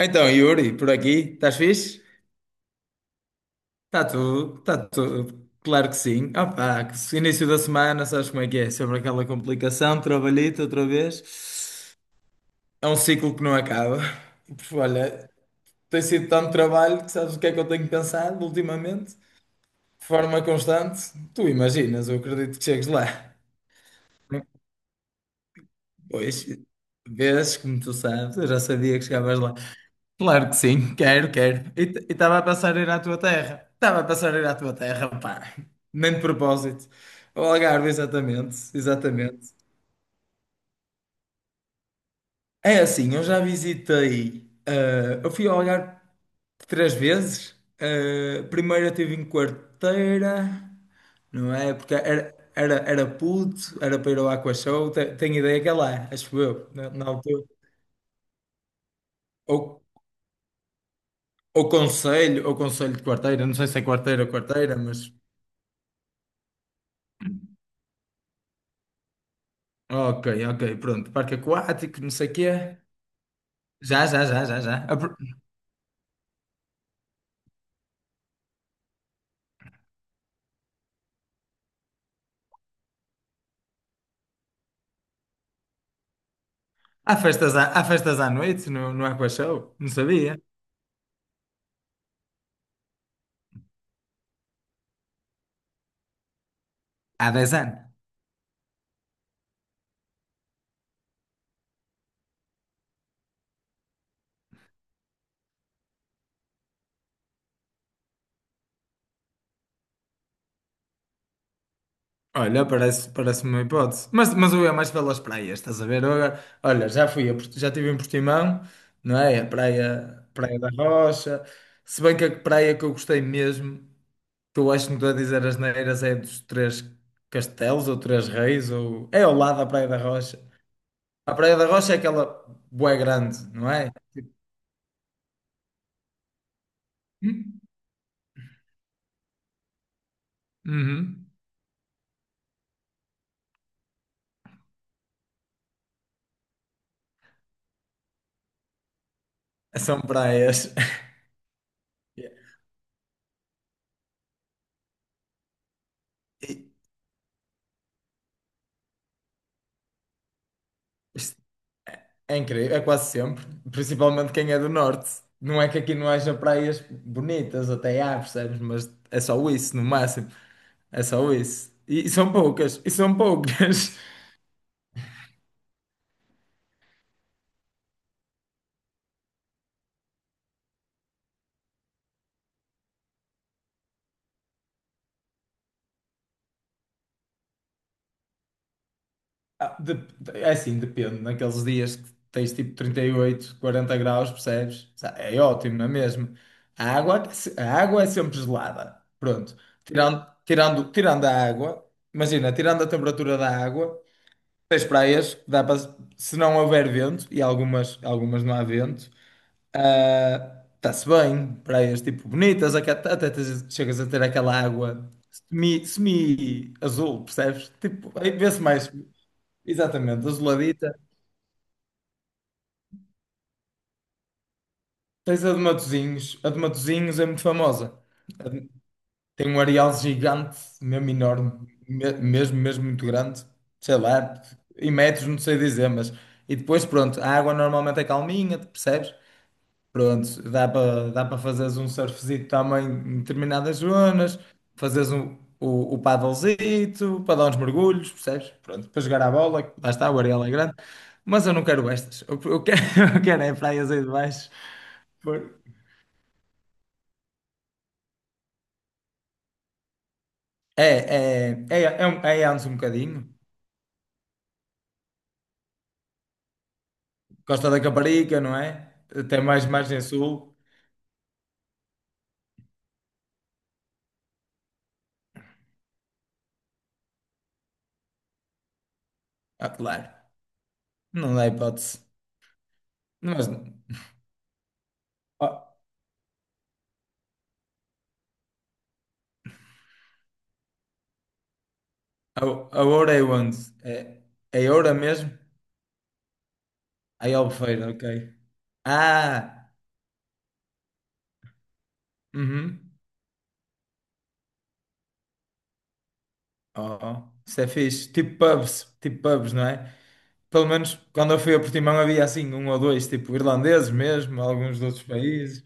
Então, Yuri, por aqui, estás fixe? Está tudo, claro que sim. Opa, que se- início da semana, sabes como é que é? Sobre aquela complicação, trabalhito outra vez. É um ciclo que não acaba. E, olha, tem sido tanto trabalho que sabes o que é que eu tenho pensado ultimamente, de forma constante. Tu imaginas, eu acredito que chegues lá. Pois, vês, como tu sabes, eu já sabia que chegavas lá. Claro que sim, quero, quero. E estava a passar em ir à tua terra. Estava a passar em ir à tua terra, pá. Nem de propósito. O Algarve, exatamente, exatamente. É assim, eu já visitei. Eu fui ao Algarve 3 vezes. Primeiro eu estive em Quarteira, não é? Porque era puto, era para ir ao Aqua Show. Tenho ideia que é lá, acho eu, na altura. Ou, ou Conselho, ou Conselho de Quarteira, não sei se é Quarteira ou Quarteira, mas. Ok, ok, pronto. Parque aquático, não sei o quê. Já, já, já, já, já. Há festas à noite no Aqua Show? Não sabia. Há 10 anos. Olha, parece uma hipótese. Mas eu ia mais pelas praias, estás a ver? Eu agora, olha, já fui, já estive em Portimão, não é? A praia, Praia da Rocha. Se bem que a praia que eu gostei mesmo, que eu acho que não estou a dizer as neiras, é dos Três Castelos ou Três Reis, ou é ao lado da Praia da Rocha. A Praia da Rocha é aquela bué grande, não é? Hum? Uhum. São praias. E- isto é incrível, é quase sempre. Principalmente quem é do norte. Não é que aqui não haja praias bonitas, até há, percebes? Mas é só isso, no máximo. É só isso. E são poucas, e são poucas. Ah, é assim, depende. Naqueles dias que tens tipo 38, 40 graus, percebes? É ótimo, não é mesmo? A água é sempre gelada. Pronto. Tirando a água, imagina, tirando a temperatura da água, tens praias, que dá para, se não houver vento, e algumas não há vento, ah, está-se bem. Praias tipo bonitas, até chegas a ter aquela água semi-azul, percebes? Tipo, aí vê-se mais. Exatamente, azuladita. Tens a de Matosinhos. A de Matosinhos é muito famosa. A de- Tem um areal gigante, mesmo enorme, mesmo muito grande. Sei lá, em metros, não sei dizer, mas. E depois, pronto, a água normalmente é calminha, percebes? Pronto, dá para fazeres um surfzito também em determinadas zonas, fazeres o paddlezito para dar uns mergulhos, percebes? Pronto, para jogar à bola, que lá está, o areal é grande, mas eu não quero estas, eu quero, eu quero é praias aí de baixo. Por- É, é antes um bocadinho, Costa da Caparica, não é? Até mais margem sul, ah, claro, não dá hipótese, mas a, a Oura é onde? É, é Oura mesmo? Aí é Albufeira, ok. Ah, uhum. Oh, isso é fixe. Tipo pubs, não é? Pelo menos quando eu fui a Portimão havia assim um ou dois, tipo irlandeses mesmo, alguns de outros países.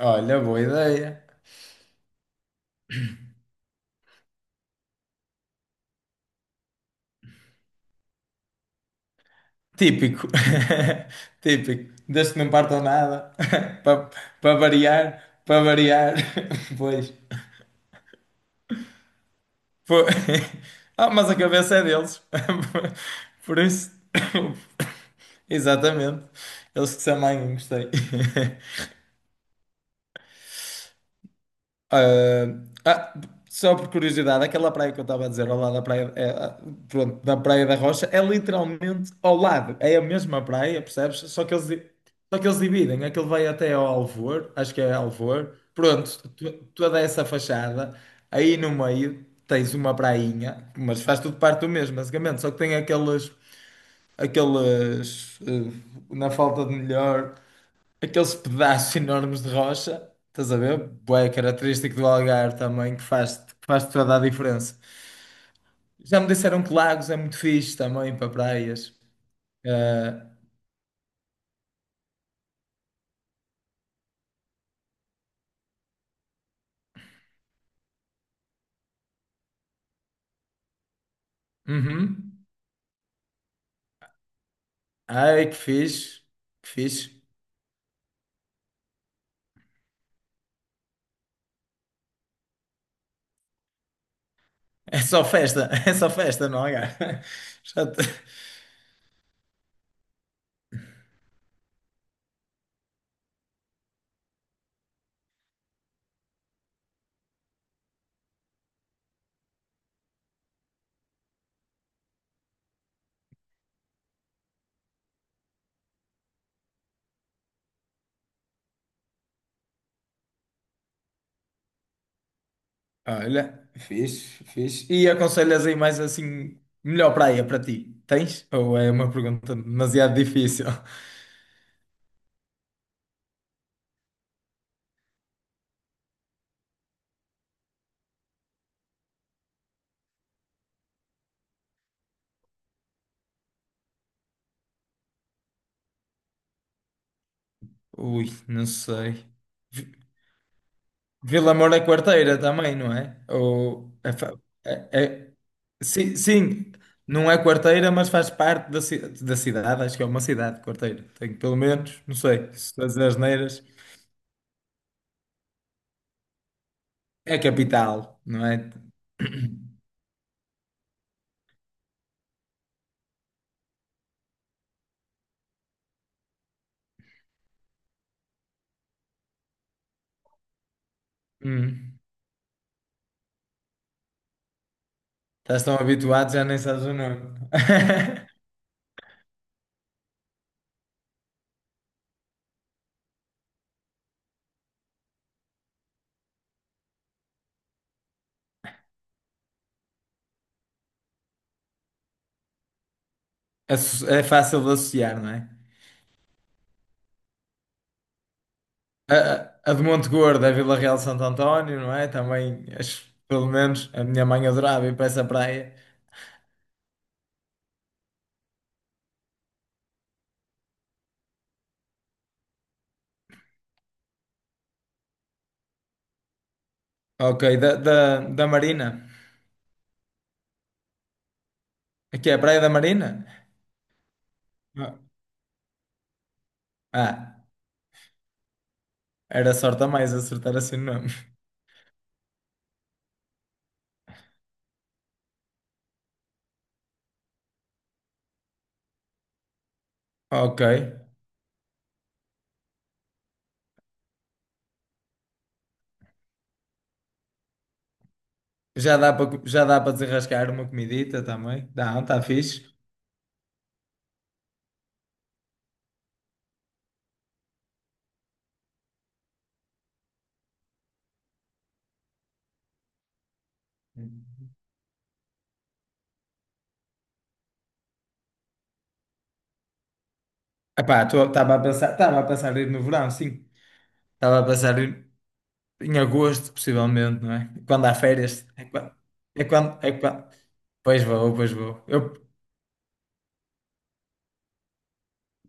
Olha, boa ideia. Típico, típico. Desde que não partam nada, para para variar, para variar. Pois. Po- Ah, mas a cabeça é deles. Por isso. Exatamente. Eles que se amanhã, gostei. Ah, ah, só por curiosidade, aquela praia que eu estava a dizer, ao lado da praia, é, ah, pronto, da Praia da Rocha, é literalmente ao lado, é a mesma praia, percebes? Só que eles dividem, aquele vai até ao Alvor, acho que é Alvor, pronto, toda essa fachada, aí no meio tens uma prainha, mas faz tudo parte do mesmo, basicamente, só que tem aqueles, na falta de melhor aqueles pedaços enormes de rocha, estás a ver? Bué característico do Algarve também, que faz toda a diferença. Já me disseram que Lagos é muito fixe também para praias. Eh, uhum. Ai, que fixe, que fixe. É só festa, é só festa não, Algarve. Já te- Olha, fixe, fixe. E aconselhas aí mais assim, melhor praia para ti? Tens? Ou é uma pergunta demasiado difícil? Ui, não sei. Vila Moura é quarteira também, não é? Ou é fa- é- é- sim, sim, não é quarteira, mas faz parte da cidade, acho que é uma cidade quarteira. Tenho pelo menos, não sei, se as asneiras. É capital, não é? Hum, estás tão habituado, já nem sabes o nome. É fácil de associar, não é? A, a de Monte Gordo é Vila Real de Santo António, não é? Também, acho, pelo menos, a minha mãe adorava ir para essa praia. Ok, da Marina. Aqui é a Praia da Marina? Ah, ah, era sorte a mais acertar assim o nome. Ok. Já dá para desenrascar uma comidita também? Dá, está fixe. Epá, estava a pensar em ir no verão, sim. Estava a pensar em, agosto, possivelmente, não é? Quando há férias. É quando. Pois vou, pois vou. Eu,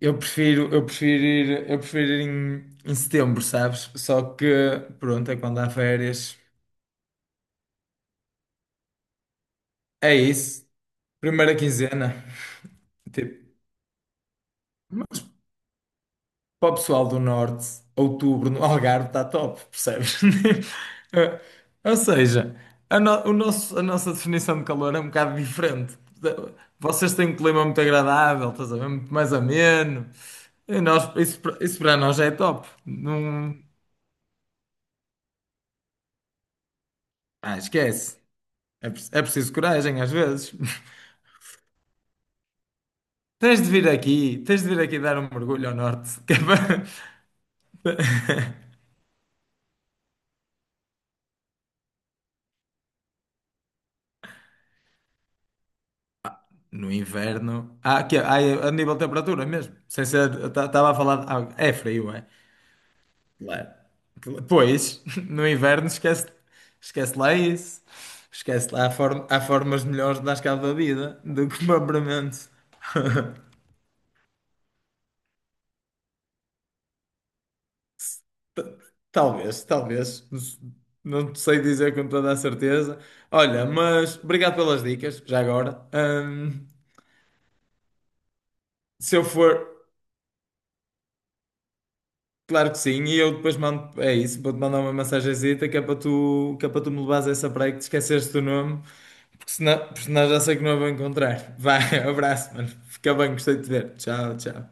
eu prefiro, eu prefiro ir, eu prefiro ir em setembro, sabes? Só que, pronto, é quando há férias. É isso. Primeira quinzena, tipo, mas para o pessoal do Norte, outubro no Algarve está top, percebes? Eh, Ou seja, a, no- o nosso, a nossa definição de calor é um bocado diferente. Vocês têm um clima muito agradável, estás a ver? Muito mais ameno. E nós, isso para nós já é top. Não, ah, esquece. É, é preciso coragem às vezes. Tens de vir aqui dar um mergulho ao Norte. Para- No inverno. Ah, é a nível de temperatura mesmo. Sem ser. Estava a falar. É frio, é? Claro. Pois, no inverno esquece, lá isso. Esquece lá. Há formas melhores de dar cabo da vida do que propriamente. T- Talvez, talvez. Não sei dizer com toda a certeza. Olha, mas obrigado pelas dicas, já agora. Se eu for. Claro que sim, e eu depois mando, é isso, vou-te mandar uma mensagenzita que é para tu me levares a essa praia que te esqueceste do nome, porque senão já sei que não a vou encontrar. Vai, abraço, mano. Fica bem, gostei de te ver. Tchau, tchau.